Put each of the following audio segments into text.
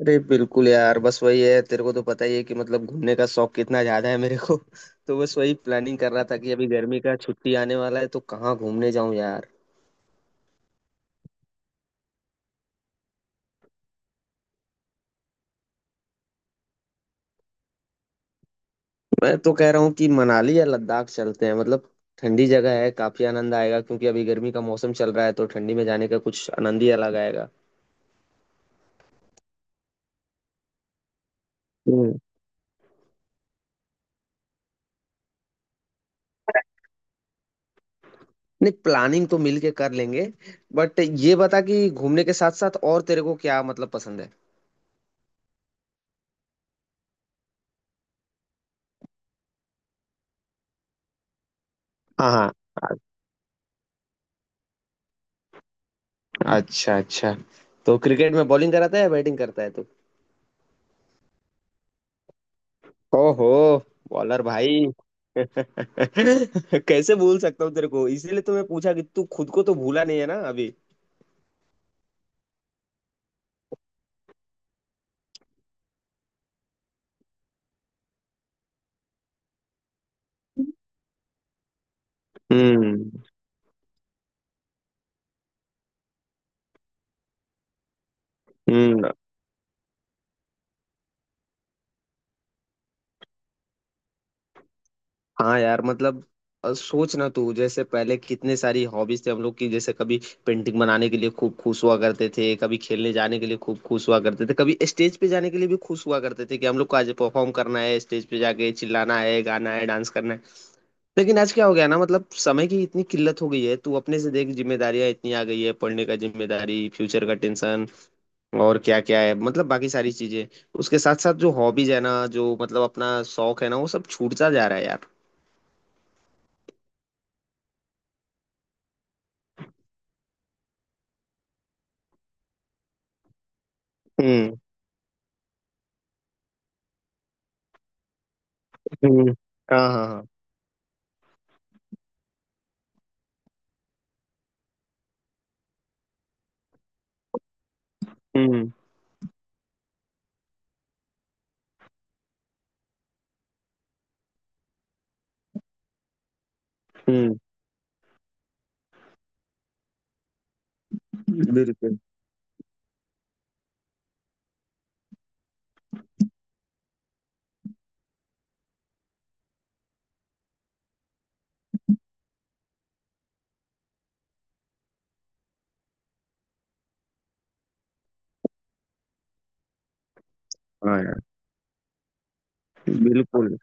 अरे बिल्कुल यार, बस वही है। तेरे को तो पता ही है कि मतलब घूमने का शौक कितना ज्यादा है मेरे को। तो बस वही प्लानिंग कर रहा था कि अभी गर्मी का छुट्टी आने वाला है तो कहाँ घूमने जाऊं यार। मैं तो कह रहा हूँ कि मनाली या लद्दाख चलते हैं। मतलब ठंडी जगह है, काफी आनंद आएगा, क्योंकि अभी गर्मी का मौसम चल रहा है तो ठंडी में जाने का कुछ आनंद ही अलग आएगा। हम्म। नहीं, प्लानिंग तो मिल के कर लेंगे, बट ये बता कि घूमने के साथ साथ और तेरे को क्या मतलब पसंद है? हाँ हाँ। अच्छा अच्छा। तो क्रिकेट में बॉलिंग कराता है या बैटिंग करता है तू? ओहो। बॉलर भाई। कैसे भूल सकता हूँ तेरे को? इसीलिए तो मैं पूछा कि तू खुद को तो भूला नहीं है ना अभी। हम्म। हम्म। हाँ यार, मतलब सोच ना तू, जैसे पहले कितने सारी हॉबीज थे हम लोग की। जैसे कभी पेंटिंग बनाने के लिए खूब खुश हुआ करते थे, कभी खेलने जाने के लिए खूब खुश हुआ करते थे, कभी स्टेज पे जाने के लिए भी खुश हुआ करते थे कि हम लोग को आज परफॉर्म करना है, स्टेज पे जाके चिल्लाना है, गाना है, डांस करना है। लेकिन आज क्या हो गया ना, मतलब समय की इतनी किल्लत हो गई है। तू अपने से देख, जिम्मेदारियां इतनी आ गई है, पढ़ने का जिम्मेदारी, फ्यूचर का टेंशन और क्या क्या है, मतलब बाकी सारी चीजें। उसके साथ साथ जो हॉबीज है ना, जो मतलब अपना शौक है ना, वो सब छूटता जा रहा है यार। हम्म। हम्म। हाँ हाँ हाँ। हम्म। हम्म। बिल्कुल। हाँ यार। बिल्कुल।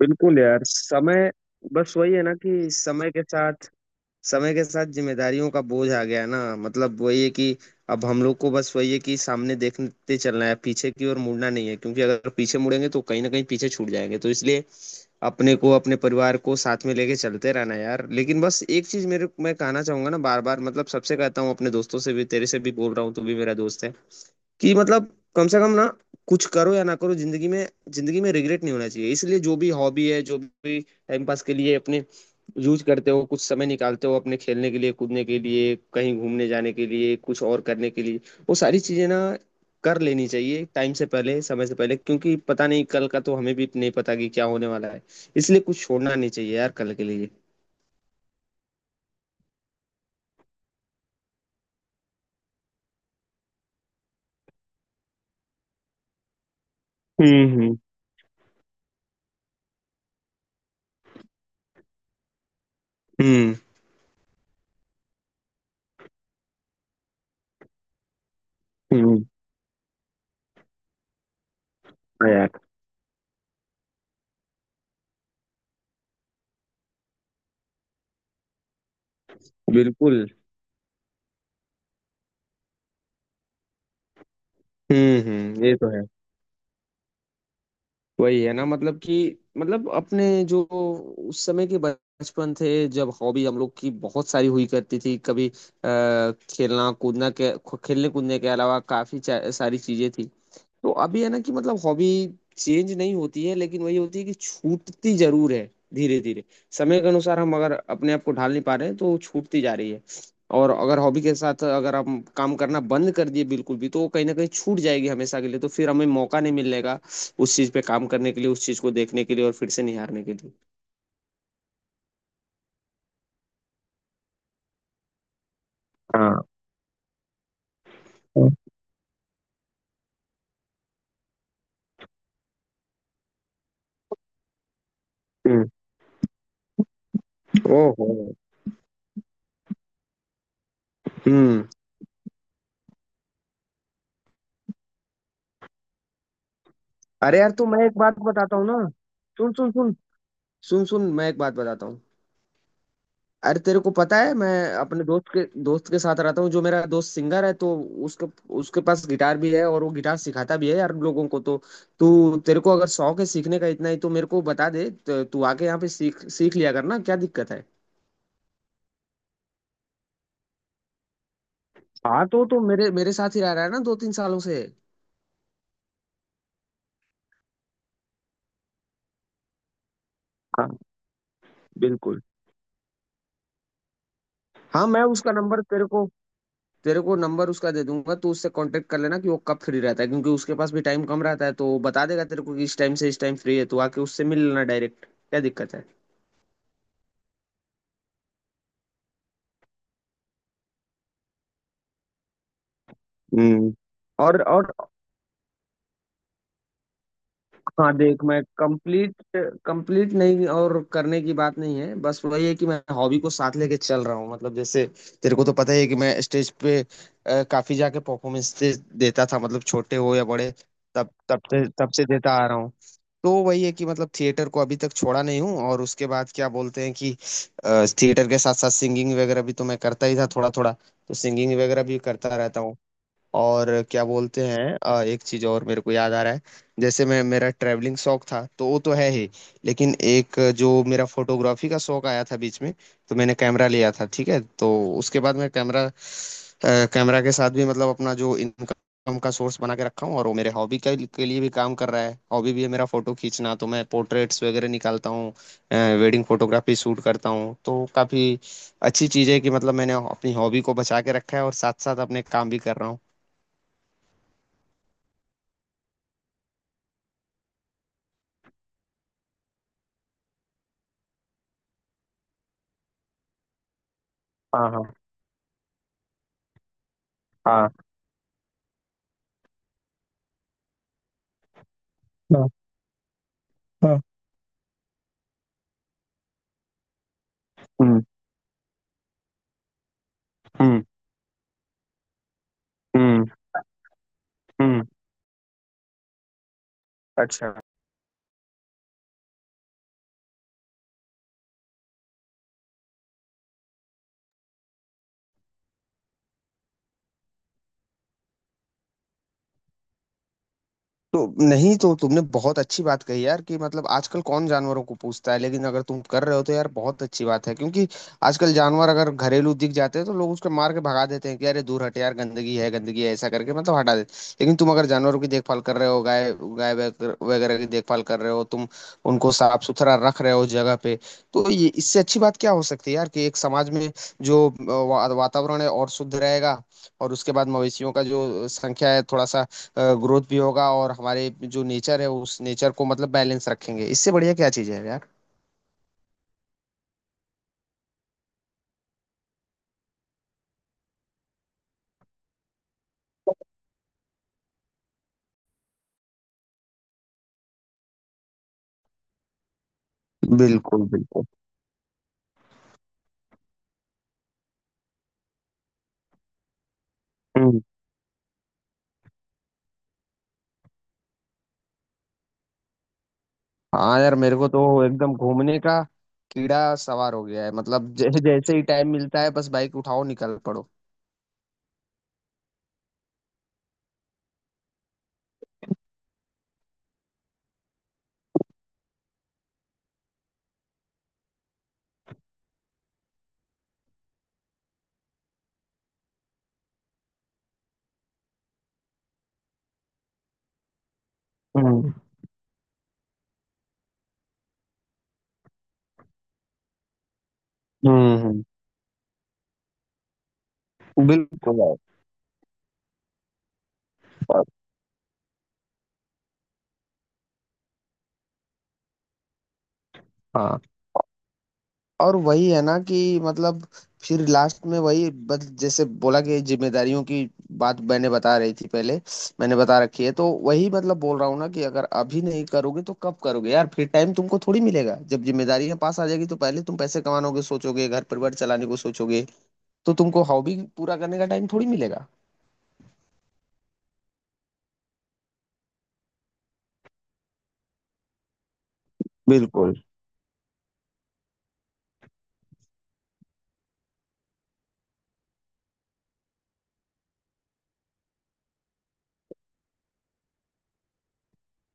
बिल्कुल यार, समय। बस वही है ना कि समय के साथ जिम्मेदारियों का बोझ आ गया ना। मतलब वही है कि अब हम लोग को बस वही है कि सामने देखते चलना है, पीछे की ओर मुड़ना नहीं है, क्योंकि अगर पीछे मुड़ेंगे तो कहीं ना कहीं पीछे छूट जाएंगे। तो इसलिए अपने को, अपने परिवार को साथ में लेके चलते रहना यार। लेकिन बस एक चीज मेरे मैं कहना चाहूंगा ना, बार बार मतलब सबसे कहता हूँ, अपने दोस्तों से भी, तेरे से भी बोल रहा हूँ, तू भी मेरा दोस्त है, कि मतलब कम से कम ना कुछ करो या ना करो, जिंदगी में रिग्रेट नहीं होना चाहिए। इसलिए जो भी हॉबी है, जो भी टाइम पास के लिए अपने यूज करते हो, कुछ समय निकालते हो अपने खेलने के लिए, कूदने के लिए, कहीं घूमने जाने के लिए, कुछ और करने के लिए, वो सारी चीजें ना कर लेनी चाहिए टाइम से पहले, समय से पहले, क्योंकि पता नहीं कल का तो हमें भी नहीं पता कि क्या होने वाला है। इसलिए कुछ छोड़ना नहीं चाहिए यार कल के लिए। हम्म। हम्म। हम्म। हम्म। हाँ यार। बिल्कुल। हम्म। हम्म, ये तो है। वही है ना मतलब कि मतलब अपने जो उस समय के बचपन थे, जब हॉबी हम लोग की बहुत सारी हुई करती थी, कभी खेलना कूदना के खेलने कूदने के अलावा काफी सारी चीजें थी। तो अभी है ना कि मतलब हॉबी चेंज नहीं होती है, लेकिन वही होती है कि छूटती जरूर है धीरे धीरे। समय के अनुसार हम अगर अपने आप को ढाल नहीं पा रहे हैं तो वो छूटती जा रही है। और अगर हॉबी के साथ अगर हम काम करना बंद कर दिए बिल्कुल भी, तो वो कहीं ना कहीं छूट जाएगी हमेशा के लिए, तो फिर हमें मौका नहीं मिलेगा उस चीज पे काम करने के लिए, उस चीज को देखने के लिए और फिर से निहारने के लिए। हाँ। हम्म। ओहो। हम्म। अरे यार तू, मैं एक बात बताता हूँ ना। सुन सुन सुन। सुन सुन, मैं एक बात बताता हूँ। अरे तेरे को पता है, मैं अपने दोस्त के साथ रहता हूँ, जो मेरा दोस्त सिंगर है। तो उसके उसके पास गिटार भी है और वो गिटार सिखाता भी है यार लोगों को। तो तू, तेरे को अगर शौक है सीखने का इतना ही, तो मेरे को बता दे, तो तू आके यहाँ पे सीख सीख लिया करना, क्या दिक्कत है? हाँ, तो मेरे मेरे साथ ही रह रहा है ना दो तीन सालों से। हाँ। बिल्कुल। हाँ मैं उसका नंबर तेरे को, तेरे को नंबर उसका दे दूंगा, तू उससे कांटेक्ट कर लेना कि वो कब फ्री रहता है, क्योंकि उसके पास भी टाइम कम रहता है, तो वो बता देगा तेरे को कि इस टाइम से इस टाइम फ्री है, तो आके उससे मिल लेना डायरेक्ट, क्या दिक्कत है? हम्म। और हाँ, देख मैं कंप्लीट, कंप्लीट नहीं और करने की बात नहीं है। बस वही है कि मैं हॉबी को साथ लेके चल रहा हूँ। मतलब जैसे तेरे को तो पता ही है कि मैं स्टेज पे काफी जाके परफॉर्मेंस देता था, मतलब छोटे हो या बड़े, तब तब से देता आ रहा हूँ। तो वही है कि मतलब थिएटर को अभी तक छोड़ा नहीं हूँ, और उसके बाद क्या बोलते हैं कि थिएटर के साथ साथ सिंगिंग वगैरह भी तो मैं करता ही था थोड़ा थोड़ा, तो सिंगिंग वगैरह भी करता रहता हूँ। और क्या बोलते हैं, एक चीज और मेरे को याद आ रहा है। जैसे मैं, मेरा ट्रैवलिंग शौक था तो वो तो है ही, लेकिन एक जो मेरा फोटोग्राफी का शौक आया था बीच में, तो मैंने कैमरा लिया था ठीक है। तो उसके बाद मैं कैमरा कैमरा के साथ भी मतलब अपना जो इनकम का सोर्स बना के रखा हूँ, और वो मेरे हॉबी के लिए भी काम कर रहा है। हॉबी भी है मेरा फोटो खींचना, तो मैं पोर्ट्रेट्स वगैरह निकालता हूँ, वेडिंग फोटोग्राफी शूट करता हूँ। तो काफी अच्छी चीज है कि मतलब मैंने अपनी हॉबी को बचा के रखा है और साथ साथ अपने काम भी कर रहा हूँ। हाँ, हाँ, हाँ। हाँ हाँ। हुँ, हुँ, हुँ, हुँ। अच्छा। तो नहीं, तो तुमने बहुत अच्छी बात कही यार, कि मतलब आजकल कौन जानवरों को पूछता है, लेकिन अगर तुम कर रहे हो तो यार बहुत अच्छी बात है। क्योंकि आजकल जानवर अगर घरेलू दिख जाते हैं तो लोग उसको मार के भगा देते हैं कि अरे दूर हट यार, गंदगी है गंदगी है, ऐसा करके मतलब हटा देते हैं। लेकिन तुम अगर जानवरों की देखभाल कर रहे हो, गाय गाय वगैरह वगैरह की देखभाल कर रहे हो तुम, उनको साफ सुथरा रख रहे हो जगह पे, तो ये, इससे अच्छी बात क्या हो सकती है यार? कि एक समाज में जो वातावरण है और शुद्ध रहेगा, और उसके बाद मवेशियों का जो संख्या है थोड़ा सा ग्रोथ भी होगा, और हमारे जो नेचर है उस नेचर को मतलब बैलेंस रखेंगे। इससे बढ़िया क्या चीज़ है यार। बिल्कुल बिल्कुल। हम्म। हाँ यार, मेरे को तो एकदम घूमने का कीड़ा सवार हो गया है। मतलब जैसे ही टाइम मिलता है बस बाइक उठाओ निकल पड़ो। हम्म। हम्म। हम्म। बिल्कुल यार। हाँ, और वही है ना कि मतलब फिर लास्ट में वही, बस जैसे बोला कि जिम्मेदारियों की बात मैंने बता रही थी पहले, मैंने बता रखी है, तो वही मतलब बोल रहा हूँ ना कि अगर अभी नहीं करोगे तो कब करोगे यार? फिर टाइम तुमको थोड़ी मिलेगा, जब जिम्मेदारियां पास आ जाएगी तो पहले तुम पैसे कमानोगे, सोचोगे घर परिवार चलाने को सोचोगे, तो तुमको हॉबी पूरा करने का टाइम थोड़ी मिलेगा। बिल्कुल।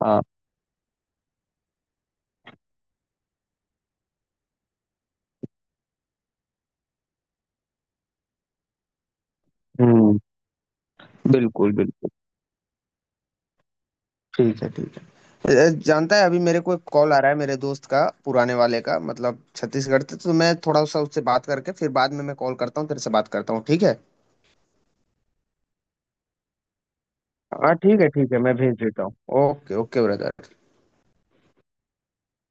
हाँ। हम्म। बिल्कुल बिल्कुल। ठीक है ठीक। अ, जानता है, अभी मेरे को एक कॉल आ रहा है मेरे दोस्त का पुराने वाले का, मतलब छत्तीसगढ़ से, तो मैं थोड़ा सा उससे बात करके फिर बाद में मैं कॉल करता हूँ तेरे से, बात करता हूँ, ठीक है? हाँ ठीक है, ठीक है, मैं भेज देता हूँ। Okay okay brother.